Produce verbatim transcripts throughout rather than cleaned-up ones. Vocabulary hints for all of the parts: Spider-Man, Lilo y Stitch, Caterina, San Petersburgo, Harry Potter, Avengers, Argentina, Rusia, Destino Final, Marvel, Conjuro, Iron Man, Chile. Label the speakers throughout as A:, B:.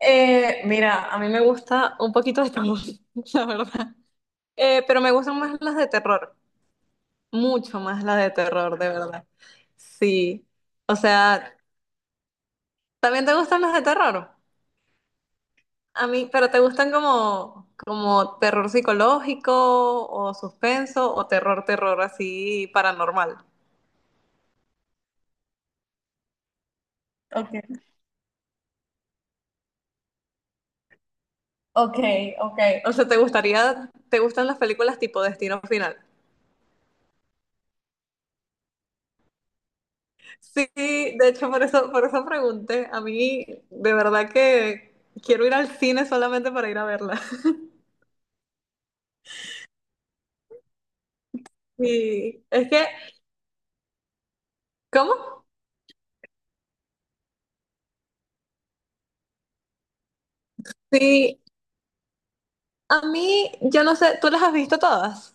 A: Eh, mira, a mí me gusta un poquito de todo, la verdad. Eh, pero me gustan más las de terror, mucho más las de terror, de verdad. Sí. O sea, ¿también te gustan las de terror? A mí, pero ¿te gustan como, como terror psicológico o suspenso o terror, terror así paranormal? Okay. Ok, ok. O sea, ¿te gustaría, te gustan las películas tipo Destino Final? Sí, de hecho, por eso, por eso pregunté. A mí, de verdad que quiero ir al cine solamente para ir a verla. Y es que, ¿cómo? Sí, a mí, yo no sé, ¿tú las has visto todas?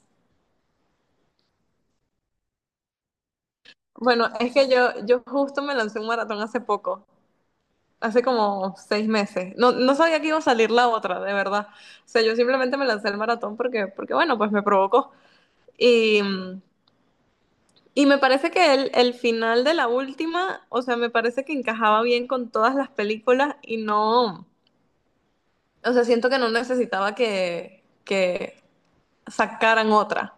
A: Bueno, es que yo, yo justo me lancé un maratón hace poco, hace como seis meses. No, no sabía que iba a salir la otra, de verdad. O sea, yo simplemente me lancé el maratón porque, porque bueno, pues me provocó. Y mm, Y me parece que el, el final de la última, o sea, me parece que encajaba bien con todas las películas y no, o sea, siento que no necesitaba que, que sacaran otra.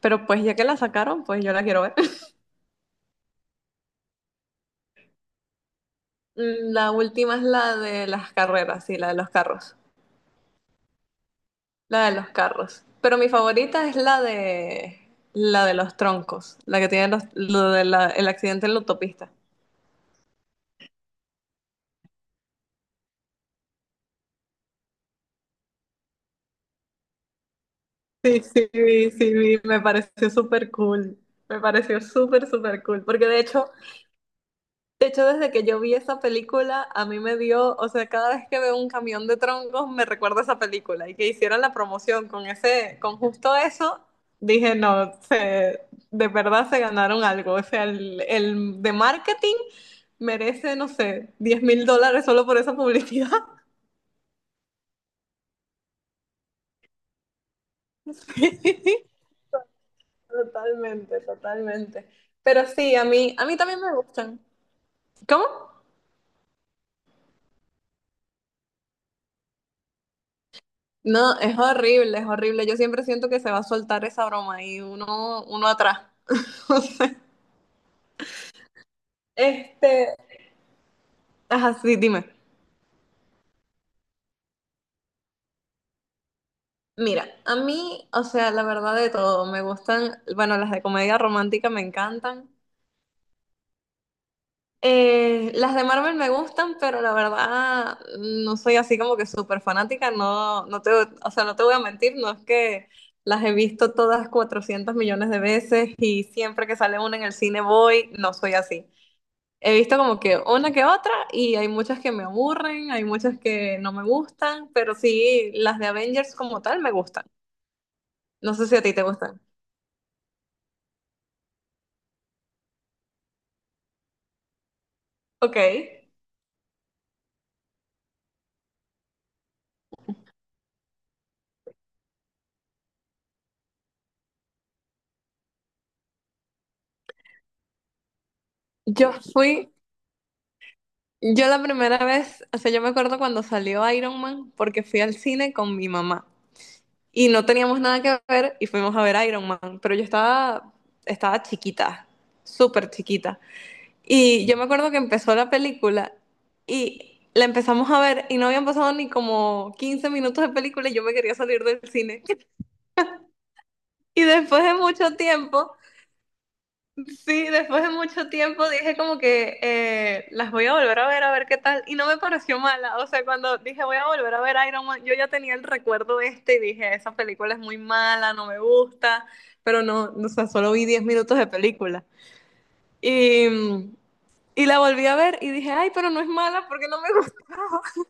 A: Pero pues ya que la sacaron, pues yo la quiero ver. Mm, La última es la de las carreras, sí, la de los carros. La de los carros. Pero mi favorita es la de la de los troncos, la que tiene los- lo de la- el accidente en la autopista. Sí, sí, vi, sí, vi, me pareció súper cool. Me pareció súper, súper cool. Porque de hecho, de hecho, desde que yo vi esa película, a mí me dio, o sea, cada vez que veo un camión de troncos, me recuerda esa película. Y que hicieron la promoción con ese, con justo eso, dije, no, se, de verdad se ganaron algo. O sea, el, el de marketing merece, no sé, diez mil dólares solo por esa publicidad. Totalmente, totalmente. Pero sí, a mí, a mí también me gustan. ¿Cómo? No, es horrible, es horrible. Yo siempre siento que se va a soltar esa broma y uno, uno atrás. O sea, Este, ajá, sí, dime. Mira, a mí, o sea, la verdad de todo, me gustan, bueno, las de comedia romántica me encantan. Eh, las de Marvel me gustan, pero la verdad no soy así como que súper fanática, no, no te, o sea, no te voy a mentir, no es que las he visto todas cuatrocientos millones de veces y siempre que sale una en el cine voy, no soy así. He visto como que una que otra y hay muchas que me aburren, hay muchas que no me gustan, pero sí, las de Avengers como tal me gustan. No sé si a ti te gustan. Ok. Yo fui, yo la primera vez, o sea, yo me acuerdo cuando salió Iron Man porque fui al cine con mi mamá y no teníamos nada que ver y fuimos a ver Iron Man, pero yo estaba, estaba chiquita, súper chiquita. Y yo me acuerdo que empezó la película y la empezamos a ver y no habían pasado ni como quince minutos de película y yo me quería salir del cine. Y después de mucho tiempo, sí, después de mucho tiempo dije como que eh, las voy a volver a ver a ver qué tal y no me pareció mala. O sea, cuando dije voy a volver a ver Iron Man, yo ya tenía el recuerdo este y dije esa película es muy mala, no me gusta, pero no, o sea, solo vi diez minutos de película. Y mm, Y la volví a ver y dije, ay, pero no es mala porque no me gustó.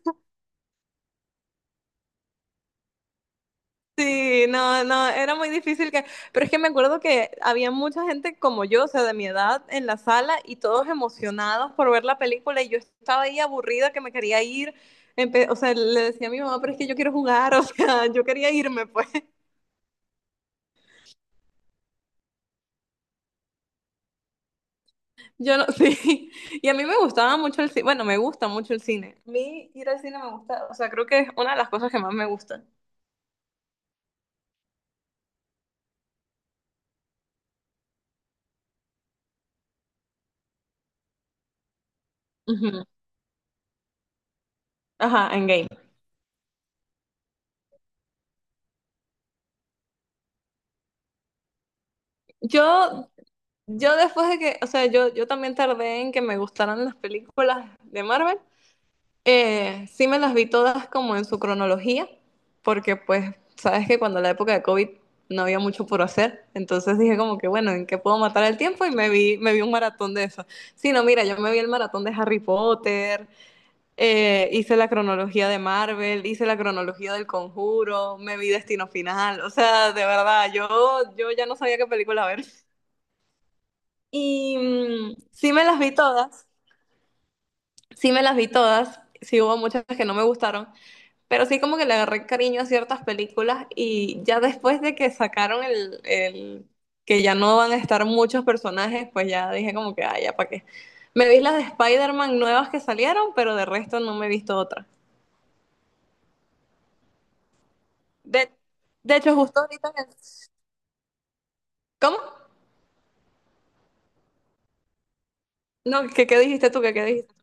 A: Sí, no, no, era muy difícil que... Pero es que me acuerdo que había mucha gente como yo, o sea, de mi edad, en la sala y todos emocionados por ver la película y yo estaba ahí aburrida que me quería ir. Empe- o sea, le decía a mi mamá, pero es que yo quiero jugar, o sea, yo quería irme, pues. Yo no, sí. Y a mí me gustaba mucho el cine, bueno, me gusta mucho el cine. A mí ir al cine me gusta, o sea, creo que es una de las cosas que más me gustan. Ujú. Ajá, en game. Yo Yo después de que, o sea, yo, yo también tardé en que me gustaran las películas de Marvel. Eh, sí me las vi todas como en su cronología, porque pues sabes que cuando la época de COVID no había mucho por hacer, entonces dije como que bueno, ¿en qué puedo matar el tiempo? Y me vi, me vi un maratón de eso. Sí, no, mira, yo me vi el maratón de Harry Potter, eh, hice la cronología de Marvel, hice la cronología del Conjuro, me vi Destino Final, o sea, de verdad, yo, yo ya no sabía qué película ver. Y mm, sí me las vi todas, sí me las vi todas, sí hubo muchas que no me gustaron, pero sí como que le agarré cariño a ciertas películas y ya después de que sacaron el, el que ya no van a estar muchos personajes, pues ya dije como que, ay, ya para qué. Me vi las de Spider-Man nuevas que salieron, pero de resto no me he visto otra. De, de hecho, justo ahorita me- ¿Cómo? No, ¿qué, qué dijiste tú? ¿Qué, qué dijiste?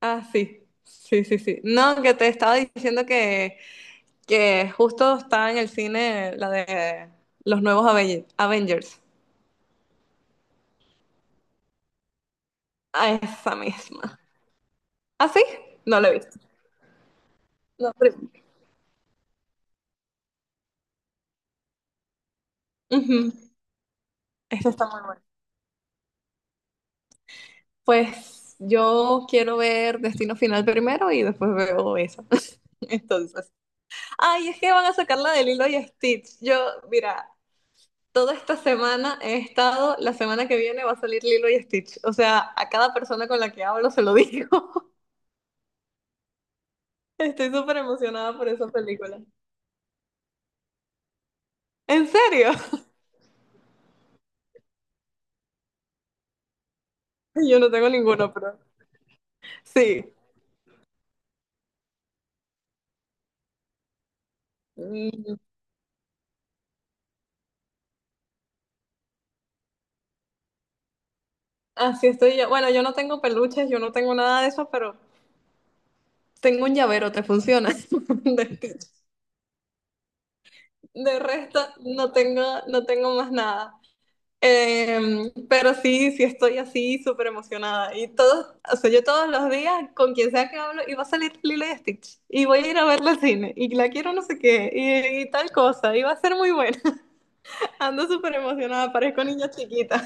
A: Ah, sí, sí, sí, sí. No, que te estaba diciendo que que justo está en el cine la de los nuevos Aven- Avengers. A esa misma. ¿Ah, sí? No la he visto. No, pero... Ujú. Esa está muy buena. Pues yo quiero ver Destino Final primero y después veo esa. Entonces, ay, es que van a sacar la de Lilo y Stitch. Yo, mira, toda esta semana he estado, la semana que viene va a salir Lilo y Stitch. O sea, a cada persona con la que hablo se lo digo. Estoy súper emocionada por esa película. ¿En serio? Yo no tengo ninguno, pero sí. Mm, Así estoy yo. Bueno, yo no tengo peluches, yo no tengo nada de eso, pero tengo un llavero, ¿te funciona? De Stitch. De resto, no tengo, no tengo más nada. Em, pero sí, sí estoy así súper emocionada. Y todos, o sea, yo todos los días con quien sea que hablo, y va a salir Lilo y Stitch, y voy a ir a verla al cine, y la quiero no sé qué, y, y tal cosa, y va a ser muy buena. Ando súper emocionada, parezco niña chiquita.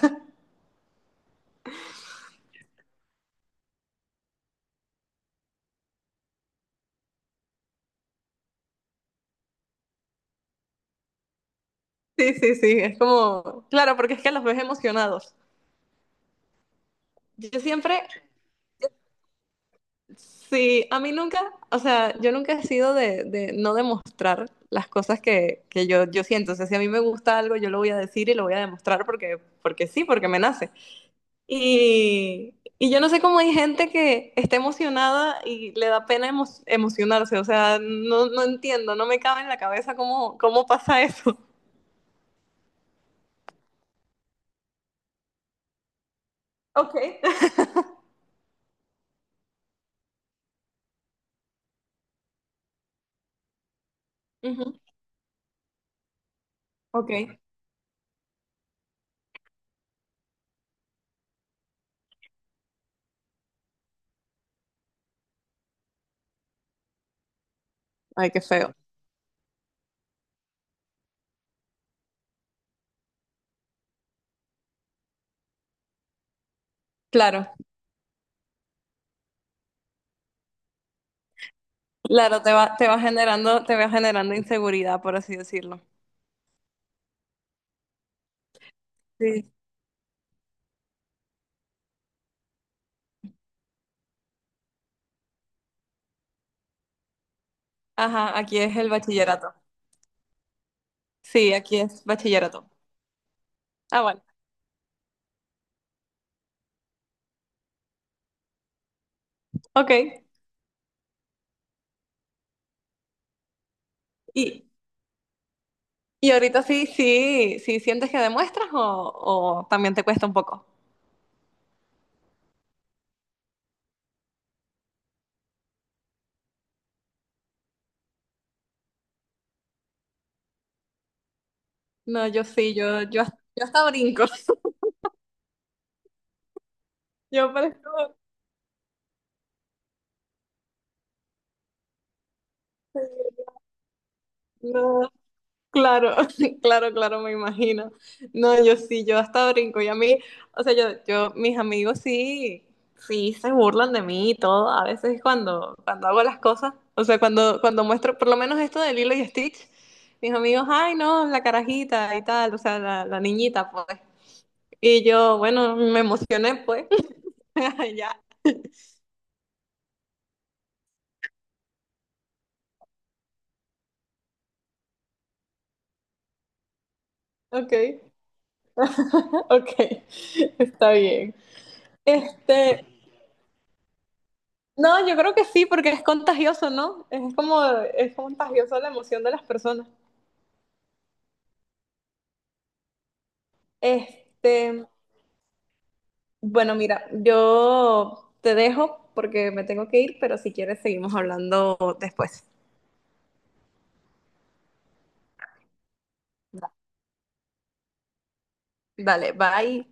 A: Sí, sí, sí, es como, claro, porque es que los ves emocionados. Yo siempre, sí, a mí nunca, o sea, yo nunca he sido de, de no demostrar las cosas que, que yo, yo siento. O sea, si a mí me gusta algo, yo lo voy a decir y lo voy a demostrar porque, porque sí, porque me nace. Y, y yo no sé cómo hay gente que está emocionada y le da pena emo- emocionarse. O sea, no, no entiendo, no me cabe en la cabeza cómo, cómo pasa eso. Ok. Ujú. Ok. Ay, qué feo. Claro. Claro, te va, te va generando, te va generando inseguridad, por así decirlo. Sí. Ajá, aquí es el bachillerato. Sí, aquí es bachillerato. Ah, bueno, ok. ¿Y, y ahorita sí, sí, sí sientes que demuestras o, o también te cuesta un poco? No, yo sí, yo, yo, yo hasta brinco. Yo parezco, no. Claro, claro, claro, me imagino. No, yo sí, yo hasta brinco. Y a mí, o sea, yo, yo, mis amigos sí, sí se burlan de mí y todo. A veces cuando, cuando hago las cosas, o sea, cuando, cuando muestro, por lo menos esto de Lilo y Stitch, mis amigos, ay, no, la carajita y tal, o sea, la, la niñita, pues. Y yo, bueno, me emocioné, pues. Ya, ok, ok, está bien. Este, No, yo creo que sí, porque es contagioso, ¿no? Es como, es contagioso la emoción de las personas. Este, bueno, mira, yo te dejo porque me tengo que ir, pero si quieres seguimos hablando después. Da- Dale, bye.